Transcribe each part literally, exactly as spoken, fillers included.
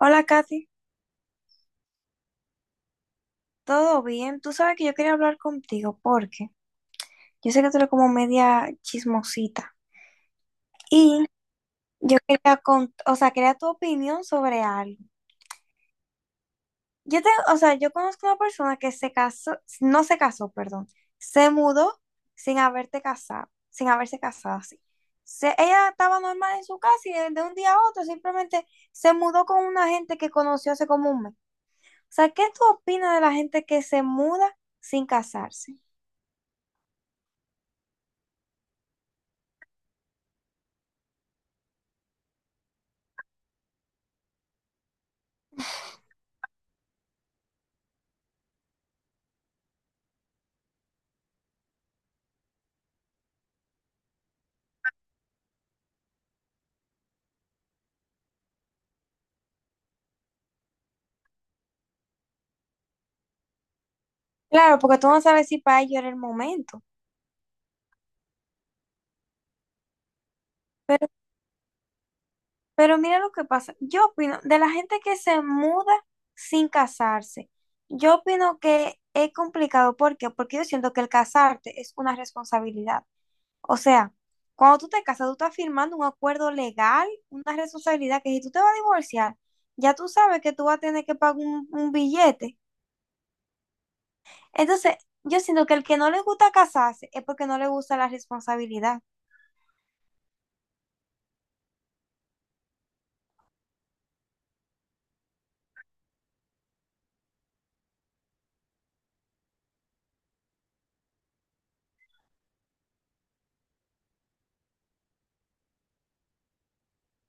Hola, Katy. ¿Todo bien? Tú sabes que yo quería hablar contigo porque yo sé que tú eres como media chismosita y yo quería con, o sea, quería tu opinión sobre algo. Yo te, o sea, yo conozco una persona que se casó, no se casó, perdón, se mudó sin haberte casado, sin haberse casado así. Se- ella estaba normal en su casa y de, de un día a otro simplemente se mudó con una gente que conoció hace como un mes. O sea, ¿qué tú opinas de la gente que se muda sin casarse? Claro, porque tú no sabes si para ellos era el momento. Pero, pero mira lo que pasa. Yo opino, de la gente que se muda sin casarse, yo opino que es complicado. ¿Por qué? Porque yo siento que el casarte es una responsabilidad. O sea, cuando tú te casas, tú estás firmando un acuerdo legal, una responsabilidad que si tú te vas a divorciar, ya tú sabes que tú vas a tener que pagar un, un billete. Entonces, yo siento que el que no le gusta casarse es porque no le gusta la responsabilidad.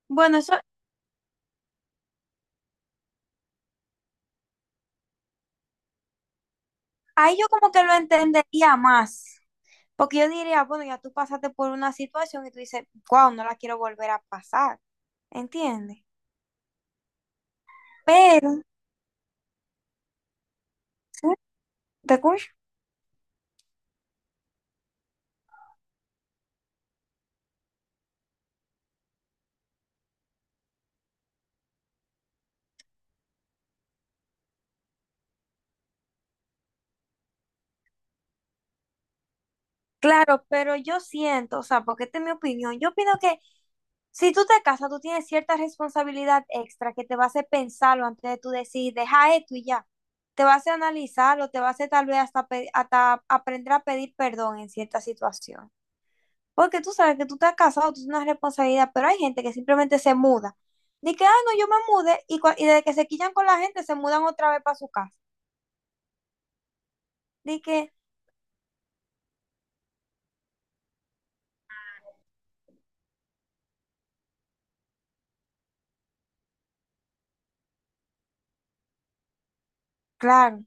Bueno, eso. Ahí yo como que lo entendería más, porque yo diría, bueno, ya tú pasaste por una situación y tú dices, wow, no la quiero volver a pasar, ¿entiendes? Pero, ¿sí? ¿Te escucho? Claro, pero yo siento, o sea, porque esta es mi opinión, yo opino que si tú te casas, tú tienes cierta responsabilidad extra que te va a hacer pensarlo antes de tú decir, deja esto y ya. Te va a hacer analizarlo, te va a hacer tal vez hasta, pe- hasta aprender a pedir perdón en cierta situación. Porque tú sabes que tú estás casado, tú tienes una responsabilidad, pero hay gente que simplemente se muda. Dice que, ah, no, yo me mudé, y, cua- y desde que se quillan con la gente, se mudan otra vez para su casa. Dice que, claro,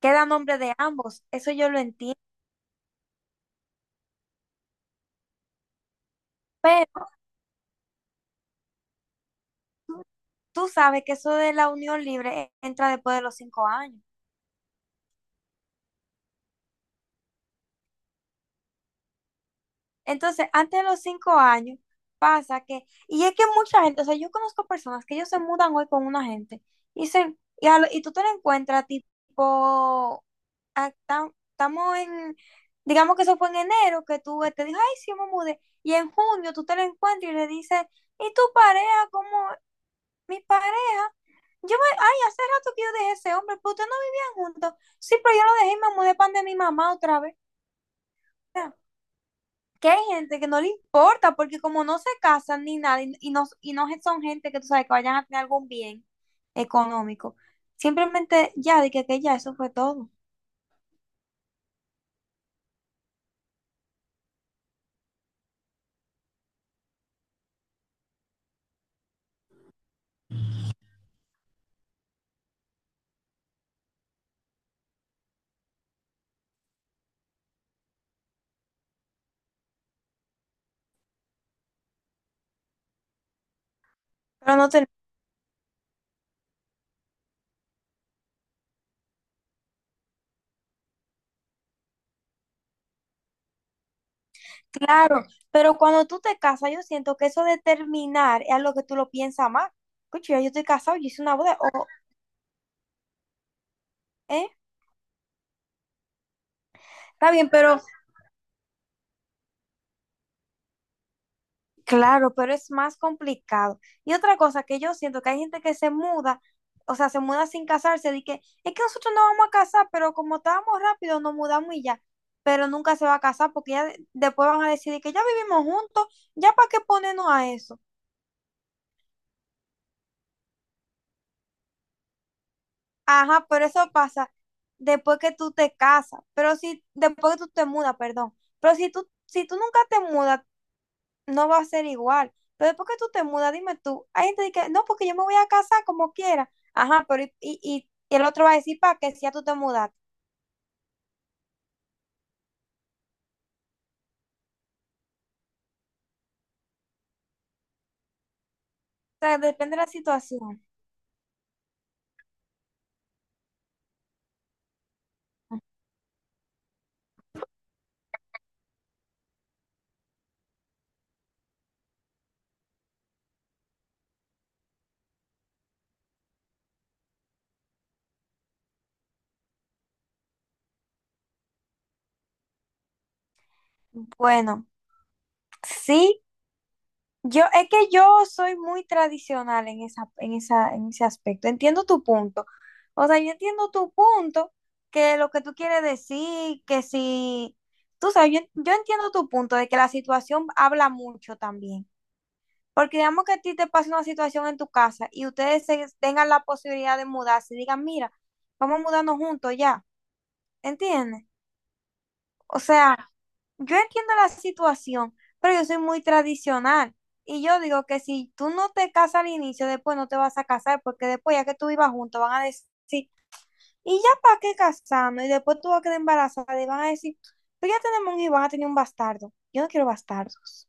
queda nombre de ambos, eso yo lo entiendo, pero tú tú sabes que eso de la unión libre eh, entra después de los cinco años. Entonces, antes de los cinco años, pasa que, y es que mucha gente, o sea, yo conozco personas que ellos se mudan hoy con una gente, y, se, y, a lo- y tú te lo encuentras tipo, estamos en, digamos que eso fue en enero, que tú eh, te dijo, ay, sí, me mudé, y en junio tú te lo encuentras y le dices, ¿y tu pareja? ¿Cómo? Mi pareja. Yo me, ay, hace rato que yo dejé ese hombre, pero ustedes no vivían juntos. Sí, pero yo lo dejé y me mudé pan de mi mamá otra vez, que hay gente que no le importa, porque como no se casan ni nada, y, y no, y no son gente que tú sabes que vayan a tener algún bien económico, simplemente ya, de que, que ya eso fue todo. Pero no te, claro, pero cuando tú te casas, yo siento que eso de terminar es algo que tú lo piensas más. Escucha, yo estoy casado, yo hice una boda, o, ¿eh? Está bien, pero claro, pero es más complicado. Y otra cosa que yo siento que hay gente que se muda, o sea, se muda sin casarse, de que es que nosotros no vamos a casar, pero como estábamos rápido, nos mudamos y ya. Pero nunca se va a casar porque ya de- después van a decidir que ya vivimos juntos, ya para qué ponernos a eso. Ajá, pero eso pasa después que tú te casas, pero si después que tú te mudas, perdón. Pero si tú si tú nunca te mudas, no va a ser igual. Pero después que tú te mudas, dime tú, hay gente que, no, porque yo me voy a casar como quiera. Ajá, pero y, y, y el otro va a decir, para que si ya tú te mudas. O sea, depende de la situación. Bueno, sí, yo, es que yo soy muy tradicional en esa, en esa, en ese aspecto. Entiendo tu punto. O sea, yo entiendo tu punto, que lo que tú quieres decir, que si, tú sabes, yo, yo entiendo tu punto de que la situación habla mucho también. Porque digamos que a ti te pasa una situación en tu casa y ustedes se- tengan la posibilidad de mudarse y digan, mira, vamos a mudarnos juntos ya, ¿entiendes? O sea, yo entiendo la situación, pero yo soy muy tradicional. Y yo digo que si tú no te casas al inicio, después no te vas a casar, porque después ya que tú vivas juntos van a decir, ¿y ya para qué casarnos? Y después tú vas a quedar embarazada y van a decir, pero ya tenemos un hijo y van a tener un bastardo. Yo no quiero bastardos.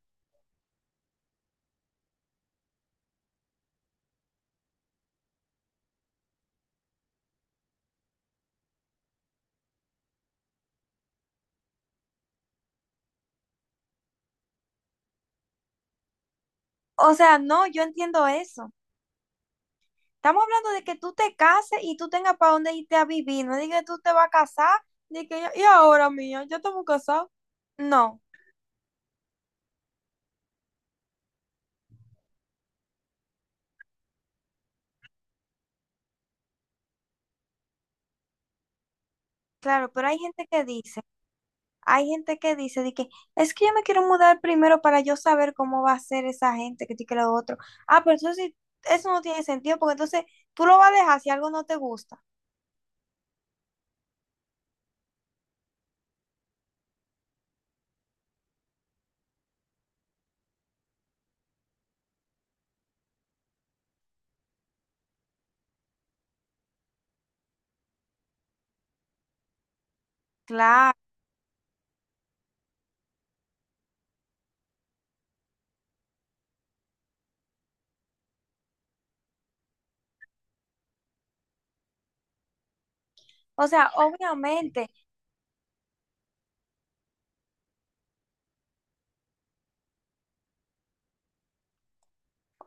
O sea, no, yo entiendo eso. Estamos hablando de que tú te cases y tú tengas para dónde irte a vivir, no digas que tú te vas a casar, de que yo- y ahora mía, yo estamos casados. No, claro, pero hay gente que dice, hay gente que dice de que es que yo me quiero mudar primero para yo saber cómo va a ser esa gente que tiene que lo otro. Ah, pero eso sí, eso no tiene sentido, porque entonces tú lo vas a dejar si algo no te gusta. Claro. O sea, obviamente,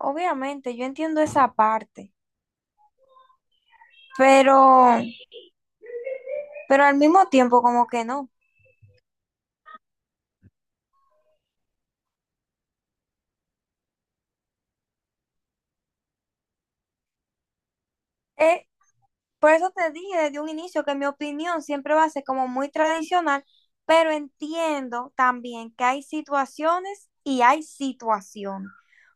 obviamente, yo entiendo esa parte, pero pero al mismo tiempo como que no. Eh, por eso te dije desde un inicio que mi opinión siempre va a ser como muy tradicional, pero entiendo también que hay situaciones y hay situaciones.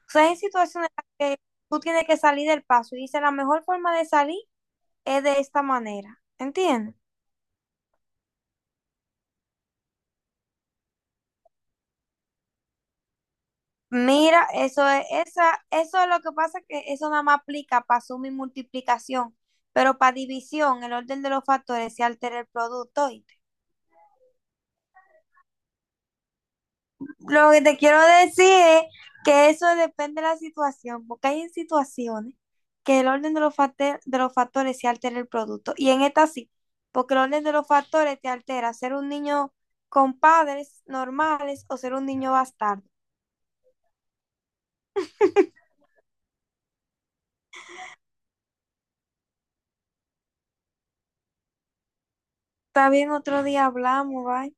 O sea, hay situaciones en las que tú tienes que salir del paso y dices, la mejor forma de salir es de esta manera, ¿entiendes? Mira, eso es, esa, eso es lo que pasa, que eso nada más aplica para suma y multiplicación, pero para división, el orden de los factores se altera el producto. Lo que te quiero decir es que eso depende de la situación, porque hay en situaciones que el orden de los, facte- de los factores se altera el producto. Y en esta sí, porque el orden de los factores te altera ser un niño con padres normales o ser un niño bastardo. Está bien, otro día hablamos, bye.